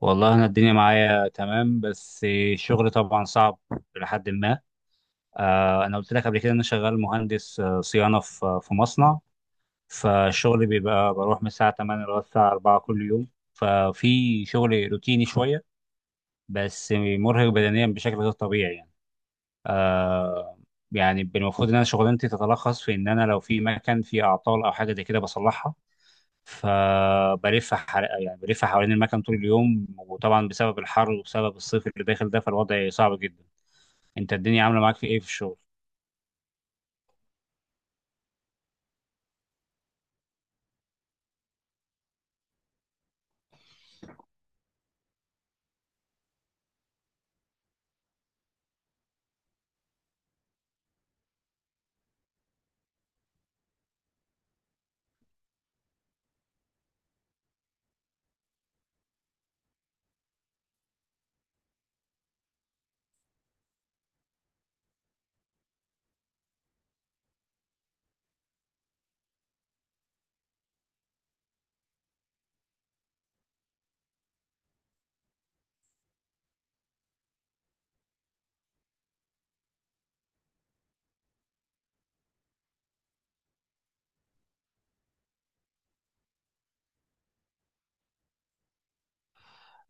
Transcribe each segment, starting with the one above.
والله انا الدنيا معايا تمام، بس الشغل طبعا صعب لحد ما انا قلت لك قبل كده ان انا شغال مهندس صيانه في مصنع. فالشغل بيبقى بروح من الساعه 8 لغايه الساعه 4 كل يوم، ففي شغل روتيني شويه بس مرهق بدنيا بشكل غير طبيعي يعني. آه، يعني المفروض ان انا شغلانتي تتلخص في ان انا لو في مكان فيه اعطال او حاجه زي كده بصلحها، يعني بلف حوالين المكان طول اليوم، وطبعا بسبب الحر وبسبب الصيف اللي داخل ده فالوضع صعب جدا. انت الدنيا عامله معاك في ايه في الشغل؟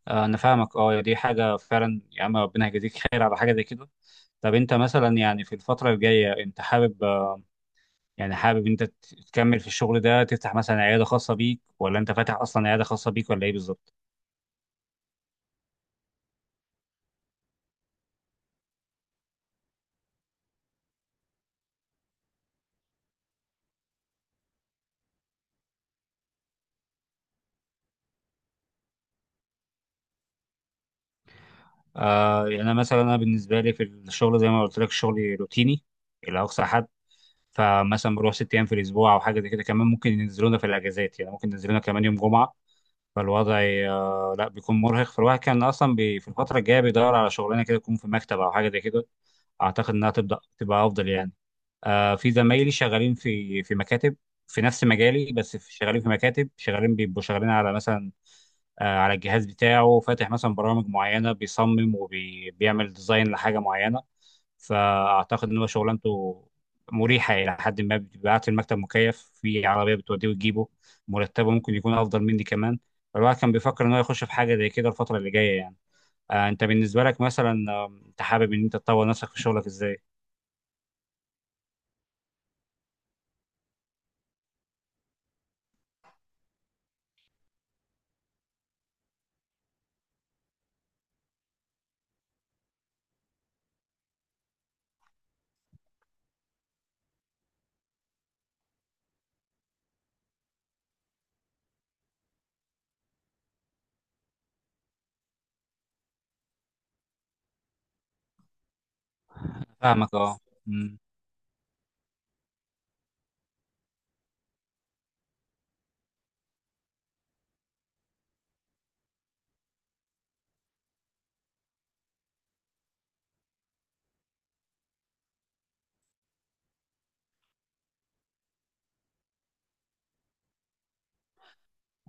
انا فاهمك اه، يا دي حاجه فعلا يا عم، ربنا يجازيك خير على حاجه زي كده. طب انت مثلا يعني في الفتره الجايه انت حابب، يعني حابب انت تكمل في الشغل ده، تفتح مثلا عياده خاصه بيك، ولا انت فاتح اصلا عياده خاصه بيك، ولا ايه بالظبط؟ آه، يعني انا مثلا بالنسبه لي في الشغل زي ما قلت لك شغلي روتيني الى اقصى حد. فمثلا بروح ست ايام في الاسبوع او حاجه زي كده، كمان ممكن ينزلونا في الاجازات، يعني ممكن ينزلونا كمان يوم جمعه. فالوضع لا بيكون مرهق. فالواحد كان اصلا بي في الفتره الجايه بيدور على شغلانه كده تكون في مكتب او حاجه زي كده، اعتقد انها تبدا تبقى افضل يعني. في زمايلي شغالين في مكاتب في نفس مجالي، بس شغالين في مكاتب، شغالين بيبقوا شغالين على مثلا على الجهاز بتاعه، فاتح مثلا برامج معينه، بيصمم وبيعمل ديزاين لحاجه معينه. فاعتقد ان هو شغلانته مريحه الى حد ما، بيبعت المكتب مكيف في عربيه بتوديه وتجيبه، مرتبه ممكن يكون افضل مني كمان. الواحد كان بيفكر ان هو يخش في حاجه زي كده الفتره اللي جايه يعني. آه، انت بالنسبه لك مثلا انت حابب ان انت تطور نفسك في شغلك ازاي؟ فاهمك اه. مم.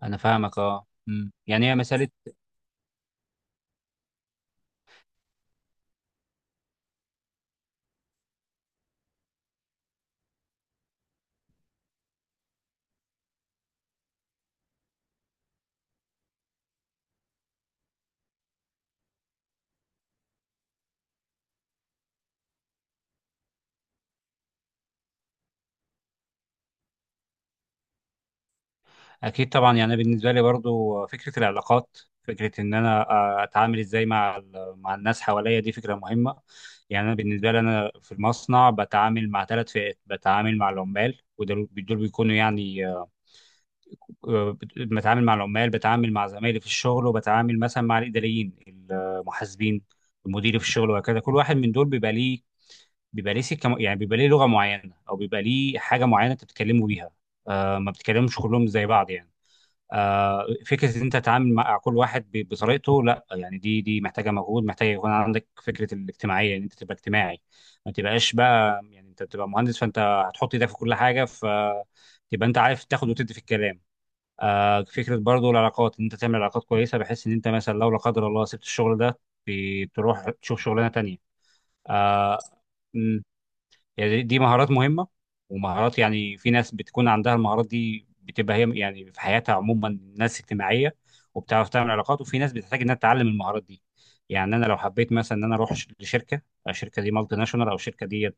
انا فاهمك اه. يعني هي مساله اكيد طبعا. يعني أنا بالنسبه لي برضو فكره العلاقات، فكره ان انا اتعامل ازاي مع مع الناس حواليا، دي فكره مهمه. يعني انا بالنسبه لي في المصنع بتعامل مع ثلاث فئات: بتعامل مع العمال، ودول بيكونوا يعني بتعامل مع العمال، بتعامل مع زمايلي في الشغل، وبتعامل مثلا مع الاداريين المحاسبين المدير في الشغل وهكذا. كل واحد من دول بيبقى ليه سكه، يعني بيبقى ليه لغه معينه او بيبقى ليه حاجه معينه انت بتتكلموا بيها. ما بتتكلمش كلهم زي بعض يعني. فكره ان انت تتعامل مع كل واحد بطريقته لا، يعني دي محتاجه مجهود، محتاجه يكون عندك فكره الاجتماعيه ان انت تبقى اجتماعي. ما تبقاش بقى يعني، انت بتبقى مهندس فانت هتحط ايدك في كل حاجه، فتبقى انت عارف تاخد وتدي في الكلام. فكره برضو العلاقات ان انت تعمل علاقات كويسه، بحيث ان انت مثلا لو لا قدر الله سبت الشغل ده بتروح تشوف شغلانه تانيه. آه، يعني دي مهارات مهمة، ومهارات يعني في ناس بتكون عندها المهارات دي، بتبقى هي يعني في حياتها عموما ناس اجتماعية وبتعرف تعمل علاقات، وفي ناس بتحتاج انها تتعلم المهارات دي. يعني انا لو حبيت مثلا ان انا اروح لشركة، الشركة دي مالتي ناشونال او الشركة دي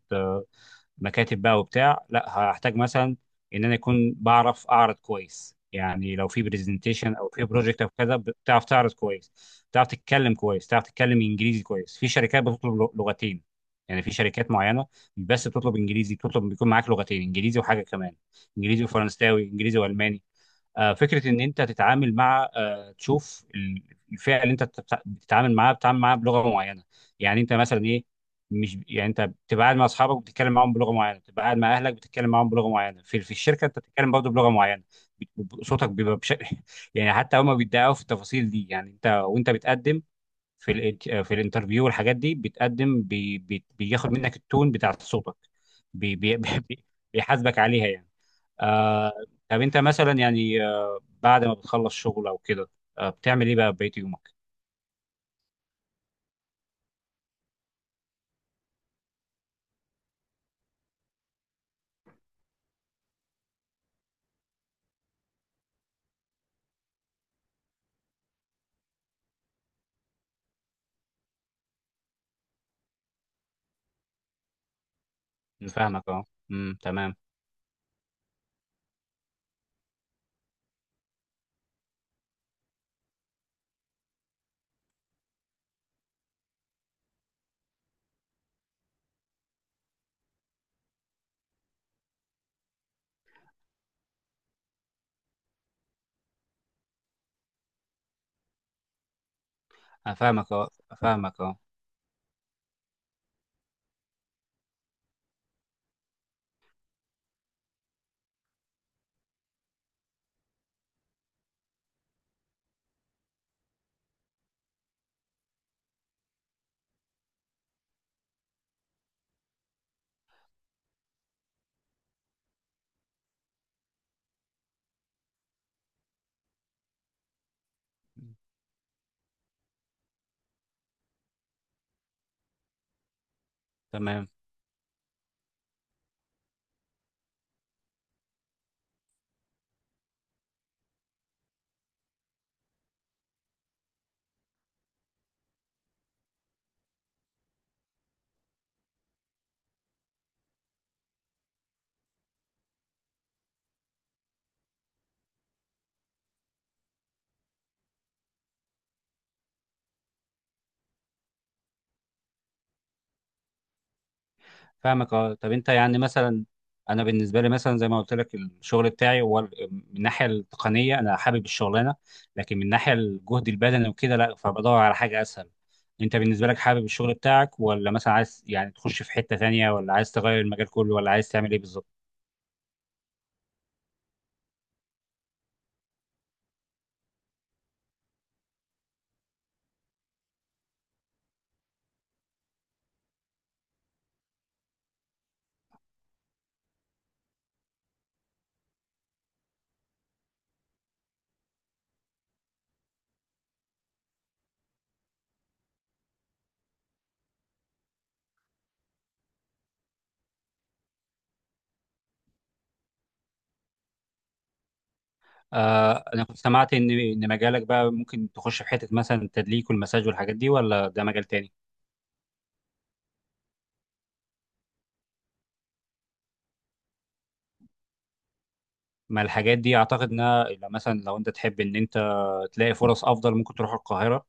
مكاتب بقى وبتاع، لا هحتاج مثلا ان انا يكون بعرف اعرض كويس، يعني لو في برزنتيشن او في بروجكت او كذا بتعرف تعرض كويس، بتعرف تتكلم كويس، بتعرف تتكلم انجليزي كويس. في شركات بتطلب لغتين، يعني في شركات معينه مش بس بتطلب انجليزي، بتطلب بيكون معاك لغتين: انجليزي وحاجه كمان، انجليزي وفرنساوي، انجليزي والماني. فكره ان انت تتعامل مع تشوف الفئه اللي انت بتتعامل معاها، بتتعامل معاها بلغه معينه. يعني انت مثلا ايه، مش يعني انت بتبقى قاعد مع اصحابك بتتكلم معاهم بلغه معينه، بتبقى قاعد مع اهلك بتتكلم معاهم بلغه معينه، في الشركه انت بتتكلم برضه بلغه معينه. صوتك بيبقى بشكل يعني حتى هما بيتدققوا في التفاصيل دي. يعني انت وانت بتقدم في في الانترفيو والحاجات دي بتقدم، بي بي بياخد منك التون بتاع صوتك، بي بي بي- بيحاسبك عليها يعني. آه، طب انت مثلا يعني آه، بعد ما بتخلص شغل او كده آه، بتعمل ايه بقى في بقية يومك؟ أنا فاهمك اه. تمام. أنا فاهمك اه. فاهمك اه. تمام. فاهمك اه. طب انت يعني مثلا، انا بالنسبه لي مثلا زي ما قلت لك الشغل بتاعي هو من الناحيه التقنيه انا حابب الشغلانه، لكن من الناحيه الجهد البدني وكده لا، فبدور على حاجه اسهل. انت بالنسبه لك حابب الشغل بتاعك، ولا مثلا عايز يعني تخش في حته تانية، ولا عايز تغير المجال كله، ولا عايز تعمل ايه بالظبط؟ آه، انا كنت سمعت ان مجالك بقى ممكن تخش في حته مثلا التدليك والمساج والحاجات دي، ولا ده مجال تاني؟ ما الحاجات دي اعتقد انها لو مثلا لو انت تحب ان انت تلاقي فرص افضل ممكن تروح القاهره،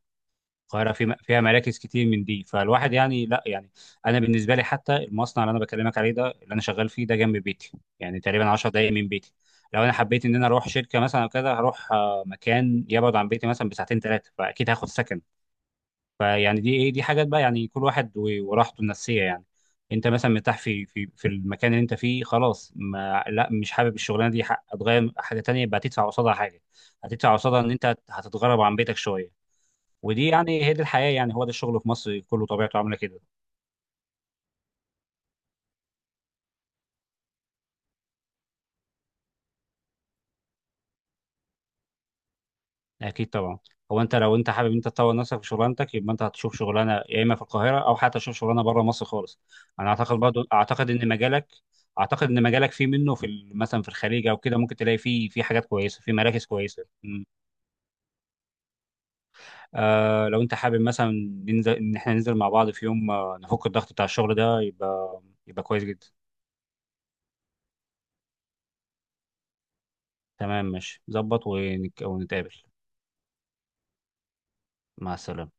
القاهره في فيها مراكز كتير من دي. فالواحد يعني لا يعني، انا بالنسبه لي حتى المصنع اللي انا بكلمك عليه ده اللي انا شغال فيه ده جنب بيتي، يعني تقريبا 10 دقائق من بيتي. لو انا حبيت ان انا اروح شركه مثلا او كده هروح مكان يبعد عن بيتي مثلا بساعتين ثلاثه، فاكيد هاخد سكن. فيعني دي ايه، دي حاجات بقى، يعني كل واحد وراحته النفسيه يعني. انت مثلا مرتاح في في في المكان اللي انت فيه خلاص، ما لا مش حابب الشغلانه دي، هتغير حاجه تانية يبقى هتدفع قصادها حاجه، هتدفع قصادها ان انت هتتغرب عن بيتك شويه. ودي يعني هي دي الحياه يعني، هو ده الشغل في مصر كله طبيعته عامله كده. اكيد طبعا. هو انت لو انت حابب انت تطور نفسك في شغلانتك، يبقى انت هتشوف شغلانه يا اما في القاهره او حتى تشوف شغلانه بره مصر خالص. انا اعتقد برضو، اعتقد ان مجالك فيه منه في مثلا في الخليج او كده، ممكن تلاقي فيه في حاجات كويسه في مراكز كويسه. مم. آه، لو انت حابب مثلا ننزل ان احنا ننزل مع بعض في يوم نفك الضغط بتاع الشغل ده، يبقى كويس جدا. تمام، ماشي، ونتقابل. مع السلامه.